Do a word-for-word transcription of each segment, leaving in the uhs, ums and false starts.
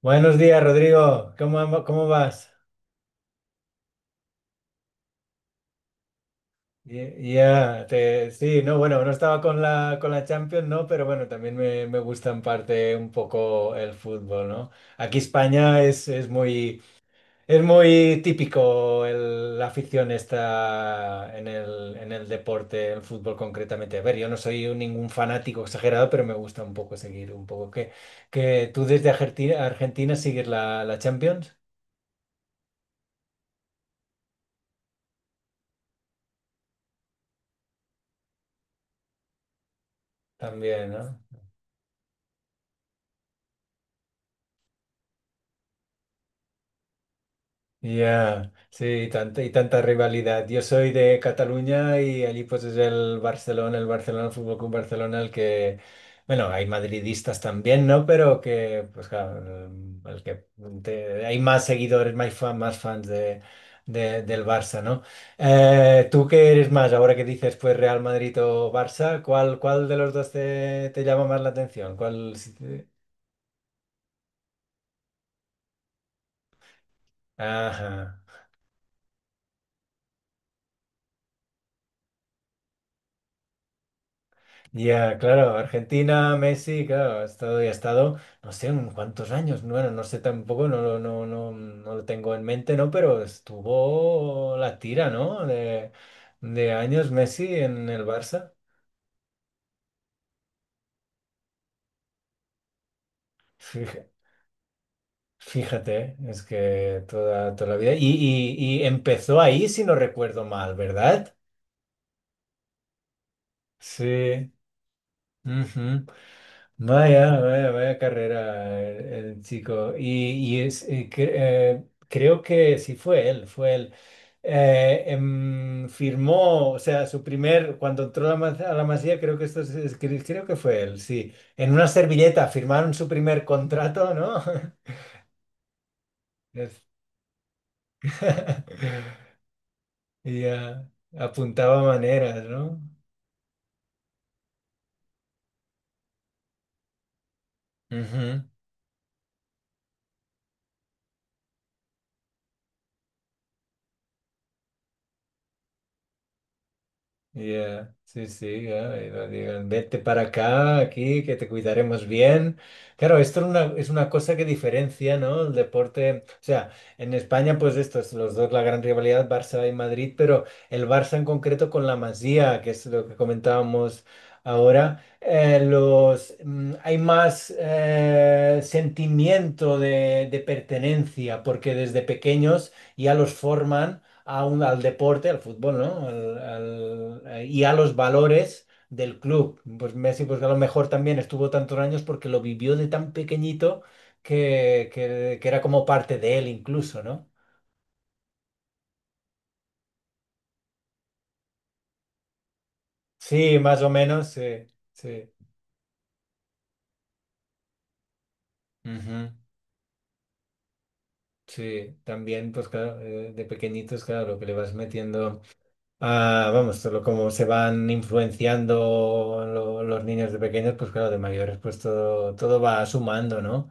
Buenos días, Rodrigo. ¿Cómo, am- cómo vas? Ye- Ya, te- sí, no, bueno, no estaba con la, con la Champions, ¿no? Pero bueno, también me, me gusta en parte un poco el fútbol, ¿no? Aquí España es, es muy, es muy típico el- la afición está en el, en el deporte, el fútbol concretamente. A ver, yo no soy un- ningún fanático exagerado, pero me gusta un poco seguir un poco. ¿Qué, que tú desde Argentina, Argentina sigues la, la Champions? También, ¿no? Ya, sí, y tanta, y tanta rivalidad. Yo soy de Cataluña y allí pues es el Barcelona, el Barcelona el Fútbol Club Barcelona, el que, bueno, hay madridistas también, ¿no? Pero que, pues claro, el el que te- hay más seguidores, más, fan- más fans de, de- del Barça, ¿no? Eh, ¿tú qué eres más? Ahora que dices pues Real Madrid o Barça, ¿cuál, cuál de los dos te, te llama más la atención? ¿Cuál? Si te- Ajá. Ya, claro, Argentina, Messi, claro, ha estado y ha estado, no sé, en cuántos años, bueno, no sé tampoco, no, lo- no, no, no lo tengo en mente, ¿no? Pero estuvo la tira, ¿no? De, de años Messi en el Barça. Fija- Fíjate, es que toda, toda la vida. Y, y, y empezó ahí, si no recuerdo mal, ¿verdad? Sí. Ujú. Vaya, vaya, vaya carrera el, el chico. Y, y es, eh, cre- eh, creo que sí fue él, fue él. Eh, em, firmó, o sea, su primer, cuando entró a la, Ma- a la Masía, creo que esto es- es- cre- creo que fue él, sí. En una servilleta firmaron su primer contrato, ¿no? Es- Y ya apuntaba maneras, ¿no? Ujú. Ya, sí, sí, ya, y lo digan, vete para acá, aquí, que te cuidaremos bien. Claro, esto es una, es una cosa que diferencia, ¿no? El deporte, o sea, en España, pues esto es los dos, la gran rivalidad, Barça y Madrid, pero el Barça en concreto con la Masía, que es lo que comentábamos ahora, eh, los, mm, hay más eh, sentimiento de, de pertenencia, porque desde pequeños ya los forman a un- al deporte, al fútbol, ¿no? Al- al- eh, y a los valores del club. Pues Messi, pues a lo mejor también estuvo tantos años porque lo vivió de tan pequeñito que, que- que era como parte de él incluso, ¿no? Sí, más o menos, sí, sí. Ujú. Sí, también, pues claro, eh, de pequeñitos, claro, lo que le vas metiendo a, vamos, todo lo como se van influenciando lo- los niños de pequeños, pues claro, de mayores, pues todo, todo va sumando, ¿no?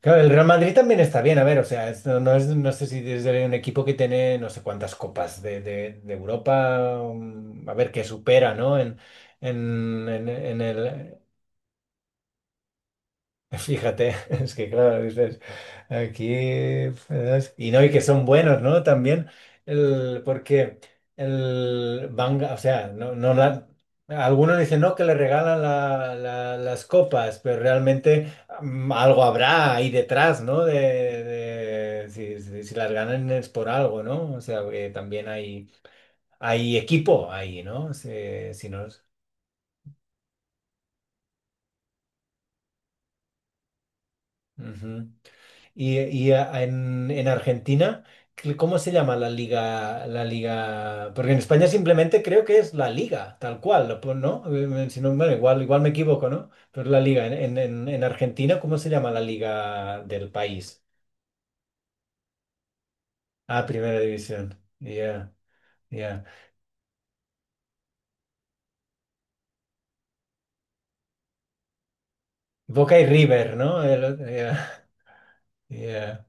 Claro, el Real Madrid también está bien, a ver, o sea, es- no, no es, no sé si es de un equipo que tiene no sé cuántas copas de, de- de Europa, um, a ver, que supera, ¿no? En, en, en- en el, Fíjate, es que claro, dices, aquí, ¿sabes? Y no, y que son buenos, ¿no? También, el, porque el van, o sea, no, no la- algunos dicen, no, que le regalan la- la- las copas, pero realmente mm, algo habrá ahí detrás, ¿no? De, de- si, si- si las ganan es por algo, ¿no? O sea, que también hay, hay equipo ahí, ¿no? Si, si no es- Ujú. Y, y a- en, en Argentina, ¿qué- ¿cómo se llama la liga, la liga? Porque en España simplemente creo que es la liga, tal cual, lo pon- ¿no? Eh, Si no, bueno, igual, igual me equivoco, ¿no? Pero la liga, en, en- en- Argentina, ¿cómo se llama la liga del país? Ah, Primera División. Ya, ya. Boca y River, ¿no? El- ya, ya.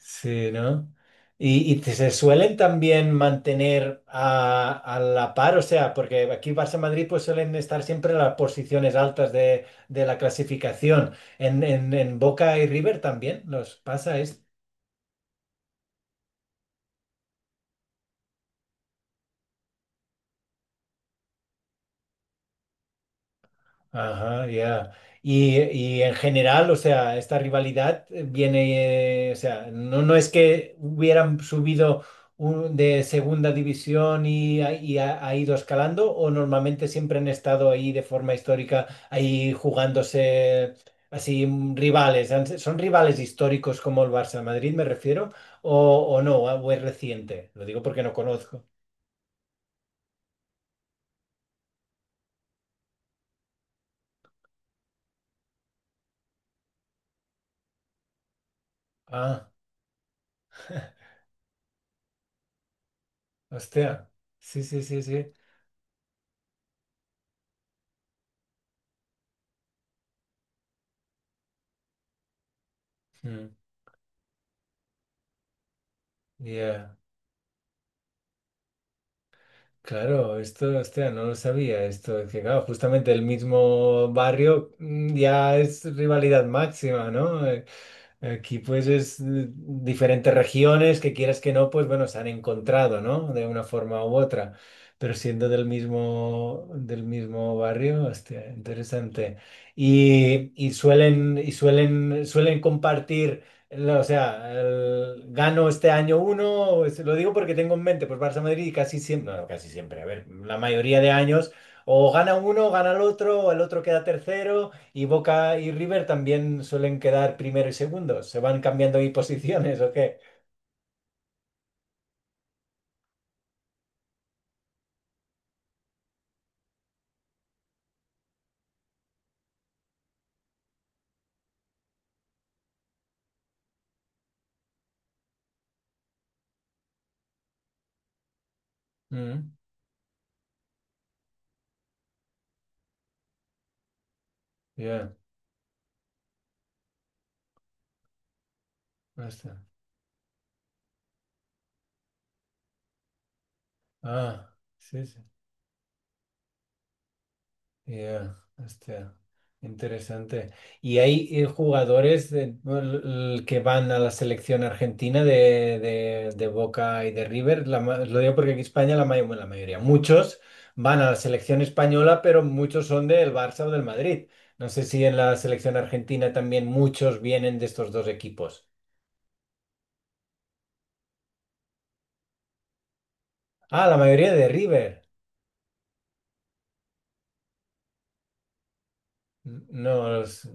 Sí, ¿no? Y, y te- se suelen también mantener a, a la par, o sea, porque aquí Barça-Madrid pues suelen estar siempre en las posiciones altas de, de la clasificación. En, en, en Boca y River también nos pasa. Ajá, ya. Y, y en general, o sea, esta rivalidad eh, viene, eh, o sea, no, no es que hubieran subido un- de segunda división y, ha- y ha, ha ido escalando, o normalmente siempre han estado ahí de forma histórica, ahí jugándose así mm, rivales. Han- ¿Son rivales históricos como el Barça Madrid, me refiero? ¿O, o no? ¿O es reciente? Lo digo porque no conozco. Ah, hostia. Sí, sí, sí, sí. Mm, Ya. Claro, esto, hostia, no lo sabía, esto, es que claro, justamente el mismo barrio mm, ya es rivalidad máxima, ¿no? Eh, Aquí pues es eh, diferentes regiones que quieras que no, pues bueno, se han encontrado, ¿no? De una forma u otra, pero siendo del mismo, del mismo barrio, hostia, interesante. Y, y suelen, y suelen, suelen compartir. O sea, el- gano este año uno, es- lo digo porque tengo en mente, pues Barça Madrid y casi siempre, no, no, casi siempre, a ver, la mayoría de años, o gana uno, gana el otro, o el otro queda tercero, y Boca y River también suelen quedar primero y segundo, se van cambiando ahí posiciones, ¿o qué? Mm, ya, basta. Ah, sí, sí. Ya, este, interesante. ¿Y hay eh, jugadores de- bueno, l- l- que van a la selección argentina de, de- de Boca y de River? La ma- lo digo porque aquí en España la, may- bueno, la mayoría, muchos van a la selección española, pero muchos son del Barça o del Madrid. No sé si en la selección argentina también muchos vienen de estos dos equipos. Ah, la mayoría de River. No, los-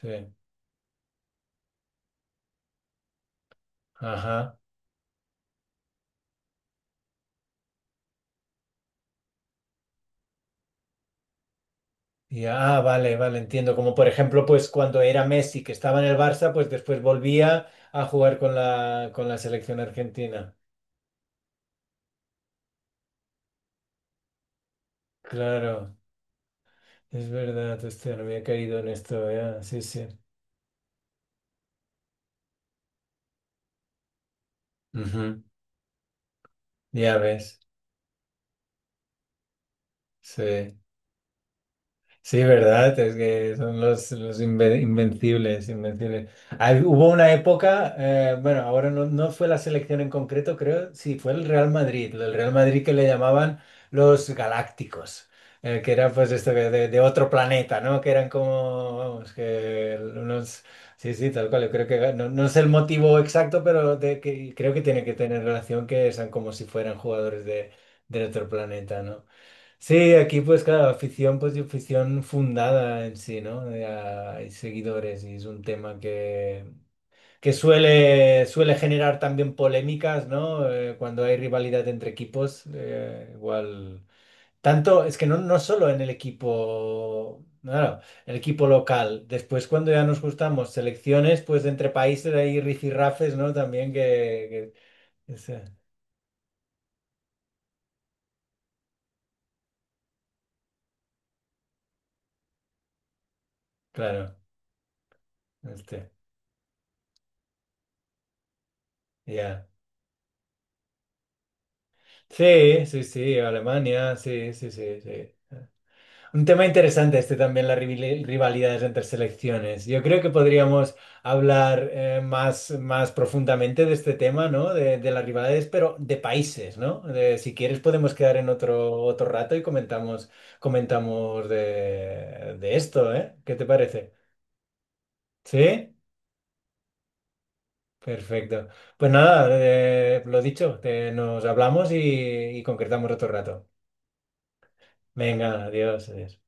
sí. Ajá. Ya, ah, vale, vale, entiendo. Como por ejemplo, pues cuando era Messi, que estaba en el Barça, pues después volvía a jugar con la, con la selección argentina. Claro, es verdad, hostia, no había caído en esto, ya, sí, sí. Ujú. Ya ves, sí. Sí, verdad, es que son los, los inve- invencibles, invencibles. Hay- hubo una época, eh, bueno, ahora no, no fue la selección en concreto, creo, sí, fue el Real Madrid, el Real Madrid que le llamaban los Galácticos, eh, que era pues esto que de, de otro planeta, ¿no? Que eran como, vamos, que unos, sí, sí, tal cual, yo creo que no, no sé el motivo exacto, pero de que, creo que tiene que tener relación que sean como si fueran jugadores de, de otro planeta, ¿no? Sí, aquí pues claro, afición, pues y afición fundada en sí, ¿no? Eh, Hay seguidores y es un tema que, que suele, suele generar también polémicas, ¿no? Eh, cuando hay rivalidad entre equipos, eh, igual. Tanto, es que no, no solo en el equipo, claro, el equipo local. Después cuando ya nos gustamos selecciones, pues entre países hay rifirrafes, ¿no? También que, que- que se- claro, este, ya. Sí, sí, sí, Alemania, sí, sí, sí, sí. Un tema interesante este también, las rivali- rivalidades entre selecciones. Yo creo que podríamos hablar eh, más, más profundamente de este tema, ¿no? De, de las rivalidades, pero de países, ¿no? De- si quieres podemos quedar en otro, otro rato y comentamos, comentamos de, de esto, ¿eh? ¿Qué te parece? ¿Sí? Perfecto. Pues nada, eh, lo dicho, te- nos hablamos y, y concretamos otro rato. Venga, adiós, adiós.